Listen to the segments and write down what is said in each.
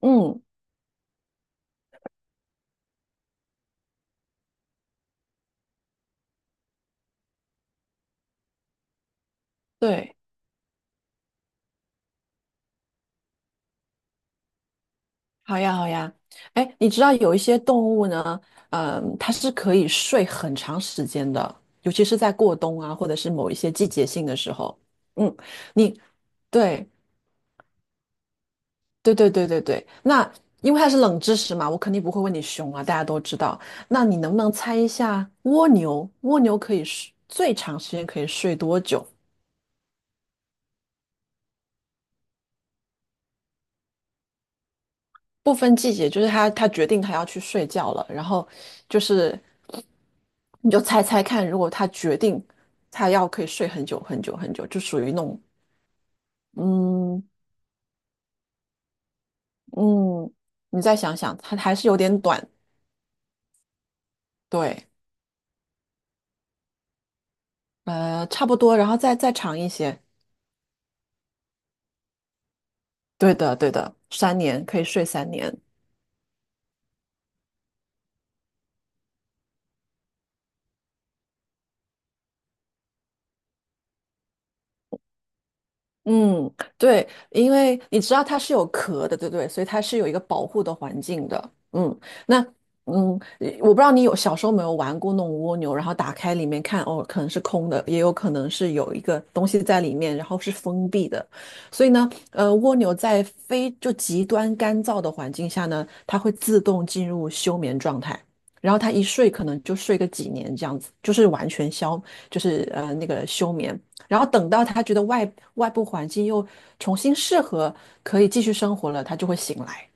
嗯，对，好呀，好呀。哎，你知道有一些动物呢，它是可以睡很长时间的，尤其是在过冬啊，或者是某一些季节性的时候。嗯，你对，对。那因为它是冷知识嘛，我肯定不会问你熊啊，大家都知道。那你能不能猜一下蜗牛？蜗牛可以睡最长时间可以睡多久？不分季节，就是他决定他要去睡觉了，然后就是你就猜猜看，如果他决定他要可以睡很久很久很久，就属于那种。嗯嗯，你再想想，它还是有点短，对，差不多，然后再长一些，对的对的，三年可以睡三年，嗯，对，因为你知道它是有壳的，对不对？所以它是有一个保护的环境的。嗯，那我不知道你有小时候有没有玩过那种蜗牛，然后打开里面看，哦，可能是空的，也有可能是有一个东西在里面，然后是封闭的。所以呢，蜗牛在非就极端干燥的环境下呢，它会自动进入休眠状态。然后它一睡可能就睡个几年这样子，就是那个休眠。然后等到他觉得外部环境又重新适合，可以继续生活了，他就会醒来。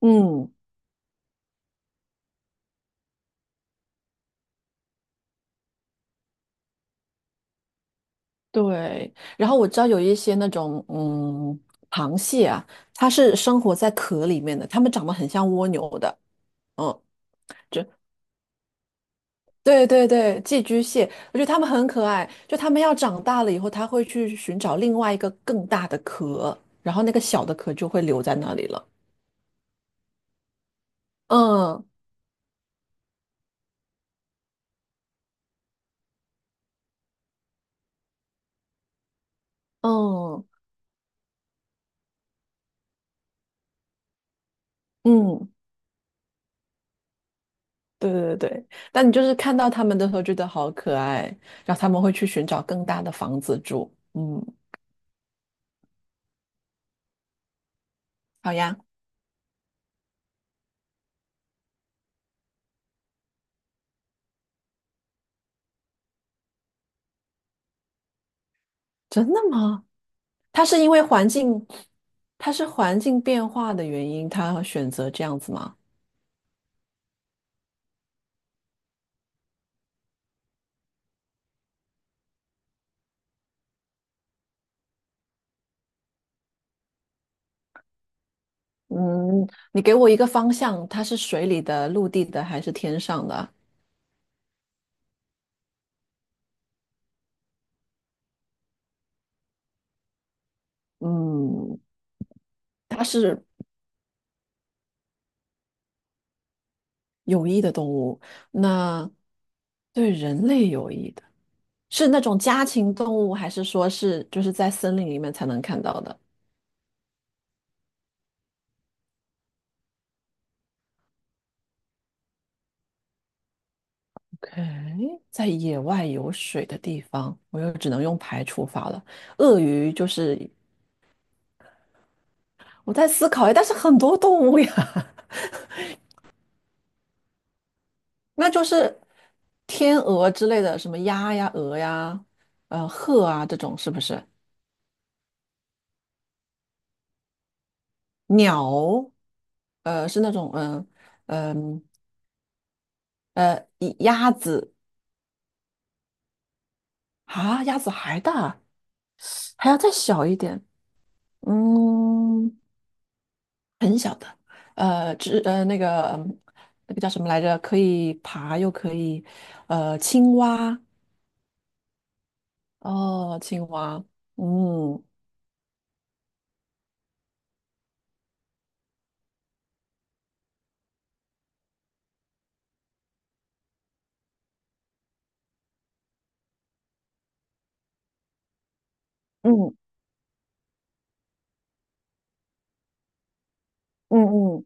嗯，对，然后我知道有一些那种螃蟹啊，它是生活在壳里面的，它们长得很像蜗牛的，嗯，就对对对，寄居蟹，我觉得它们很可爱，就它们要长大了以后，它会去寻找另外一个更大的壳，然后那个小的壳就会留在那里了。嗯嗯嗯，对对对，但你就是看到他们的时候觉得好可爱，然后他们会去寻找更大的房子住。嗯，好呀，真的吗？它是因为环境，它是环境变化的原因，它选择这样子吗？嗯，你给我一个方向，它是水里的、陆地的还是天上的？嗯，它是有益的动物，那对人类有益的，是那种家禽动物，还是说是就是在森林里面才能看到的？OK，在野外有水的地方，我又只能用排除法了。鳄鱼就是我在思考，哎，但是很多动物呀，那就是天鹅之类的，什么鸭呀、鹅呀、鹤啊这种，是不是？鸟，是那种，嗯、鸭子啊，鸭子还大，还要再小一点，嗯。呃，只呃那个嗯那个叫什么来着？可以爬又可以，青蛙。哦，青蛙，嗯嗯嗯嗯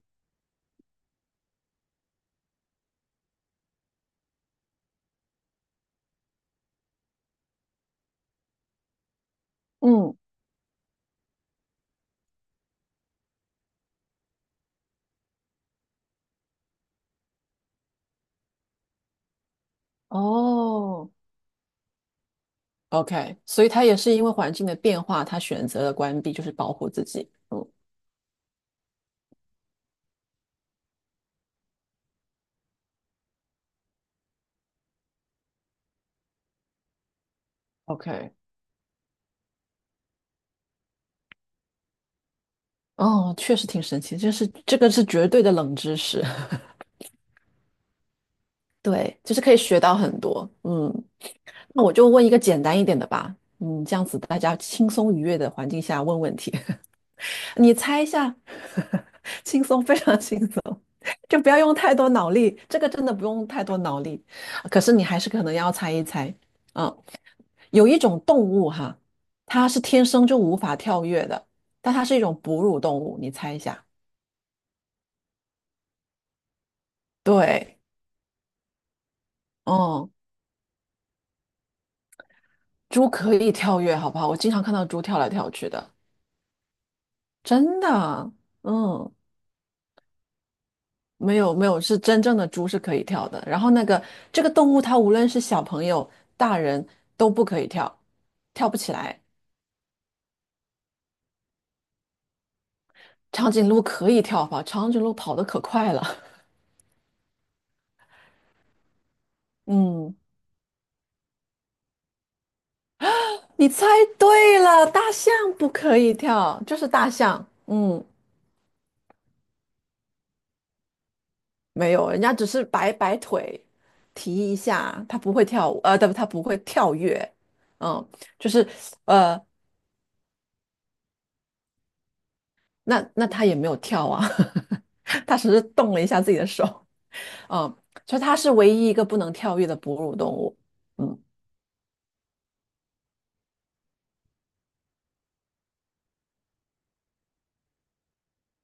嗯，哦，OK，所以它也是因为环境的变化，它选择了关闭，就是保护自己。嗯，OK。哦，确实挺神奇，就是这个是绝对的冷知识，对，就是可以学到很多。嗯，那我就问一个简单一点的吧，嗯，这样子大家轻松愉悦的环境下问问题。你猜一下，轻松，非常轻松，就不要用太多脑力，这个真的不用太多脑力。可是你还是可能要猜一猜，嗯，有一种动物哈，它是天生就无法跳跃的，但它是一种哺乳动物，你猜一下。对，嗯，猪可以跳跃，好不好？我经常看到猪跳来跳去的，真的，嗯。没有没有，是真正的猪是可以跳的。然后这个动物，它无论是小朋友、大人都不可以跳，跳不起来。长颈鹿可以跳吧？长颈鹿跑得可快了。嗯，你猜对了，大象不可以跳，就是大象。嗯，没有，人家只是摆摆腿，提一下，它不会跳舞，呃，对不，它不会跳跃。嗯，就是呃，那那它也没有跳啊，它只是动了一下自己的手。嗯，就它是唯一一个不能跳跃的哺乳动物。嗯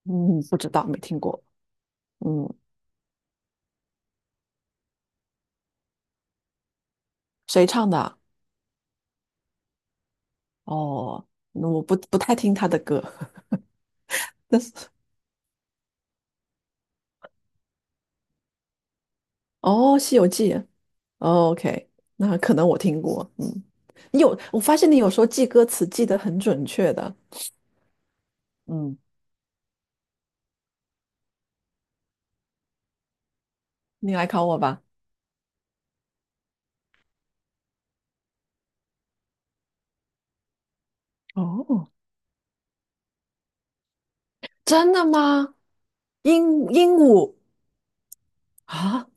嗯，不知道，没听过。嗯，谁唱的啊？哦，我不太听他的歌。但是哦，《西游记》，哦，OK，那可能我听过。嗯，你有，我发现你有时候记歌词记得很准确的。嗯，你来考我吧。哦，真的吗？鹦鹉啊，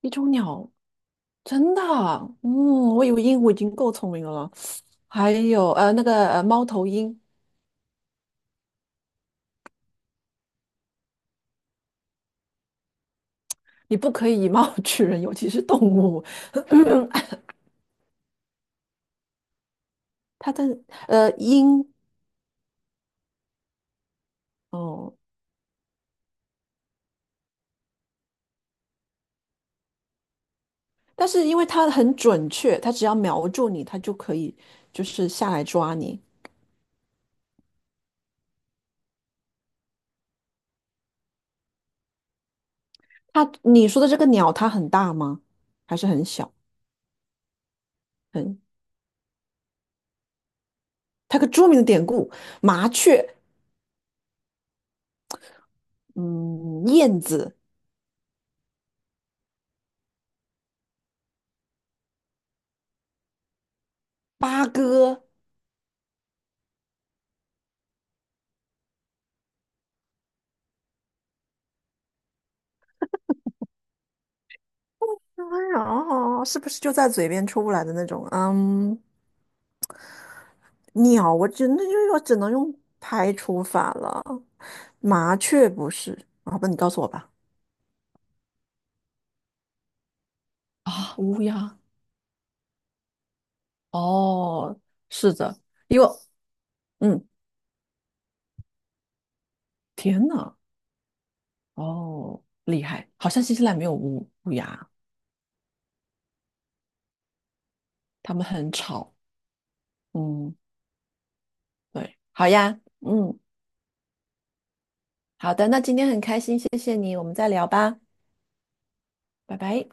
一种鸟，真的啊嗯，我以为鹦鹉已经够聪明了。还有猫头鹰，你不可以以貌取人，尤其是动物。它的音。哦，但是因为它很准确，它只要瞄住你，它就可以就是下来抓你。它你说的这个鸟，它很大吗？还是很小？很，它个著名的典故，麻雀，嗯，燕子，八哥，哎呀是不是就在嘴边出不来的那种？嗯，鸟，我真的就是我只能用排除法了。麻雀不是，好吧，你告诉我吧。啊，乌鸦，哦，是的，因为嗯，天呐，哦，厉害，好像新西兰没有乌鸦，它们很吵。嗯，对，好呀，嗯，好的，那今天很开心，谢谢你，我们再聊吧，拜拜。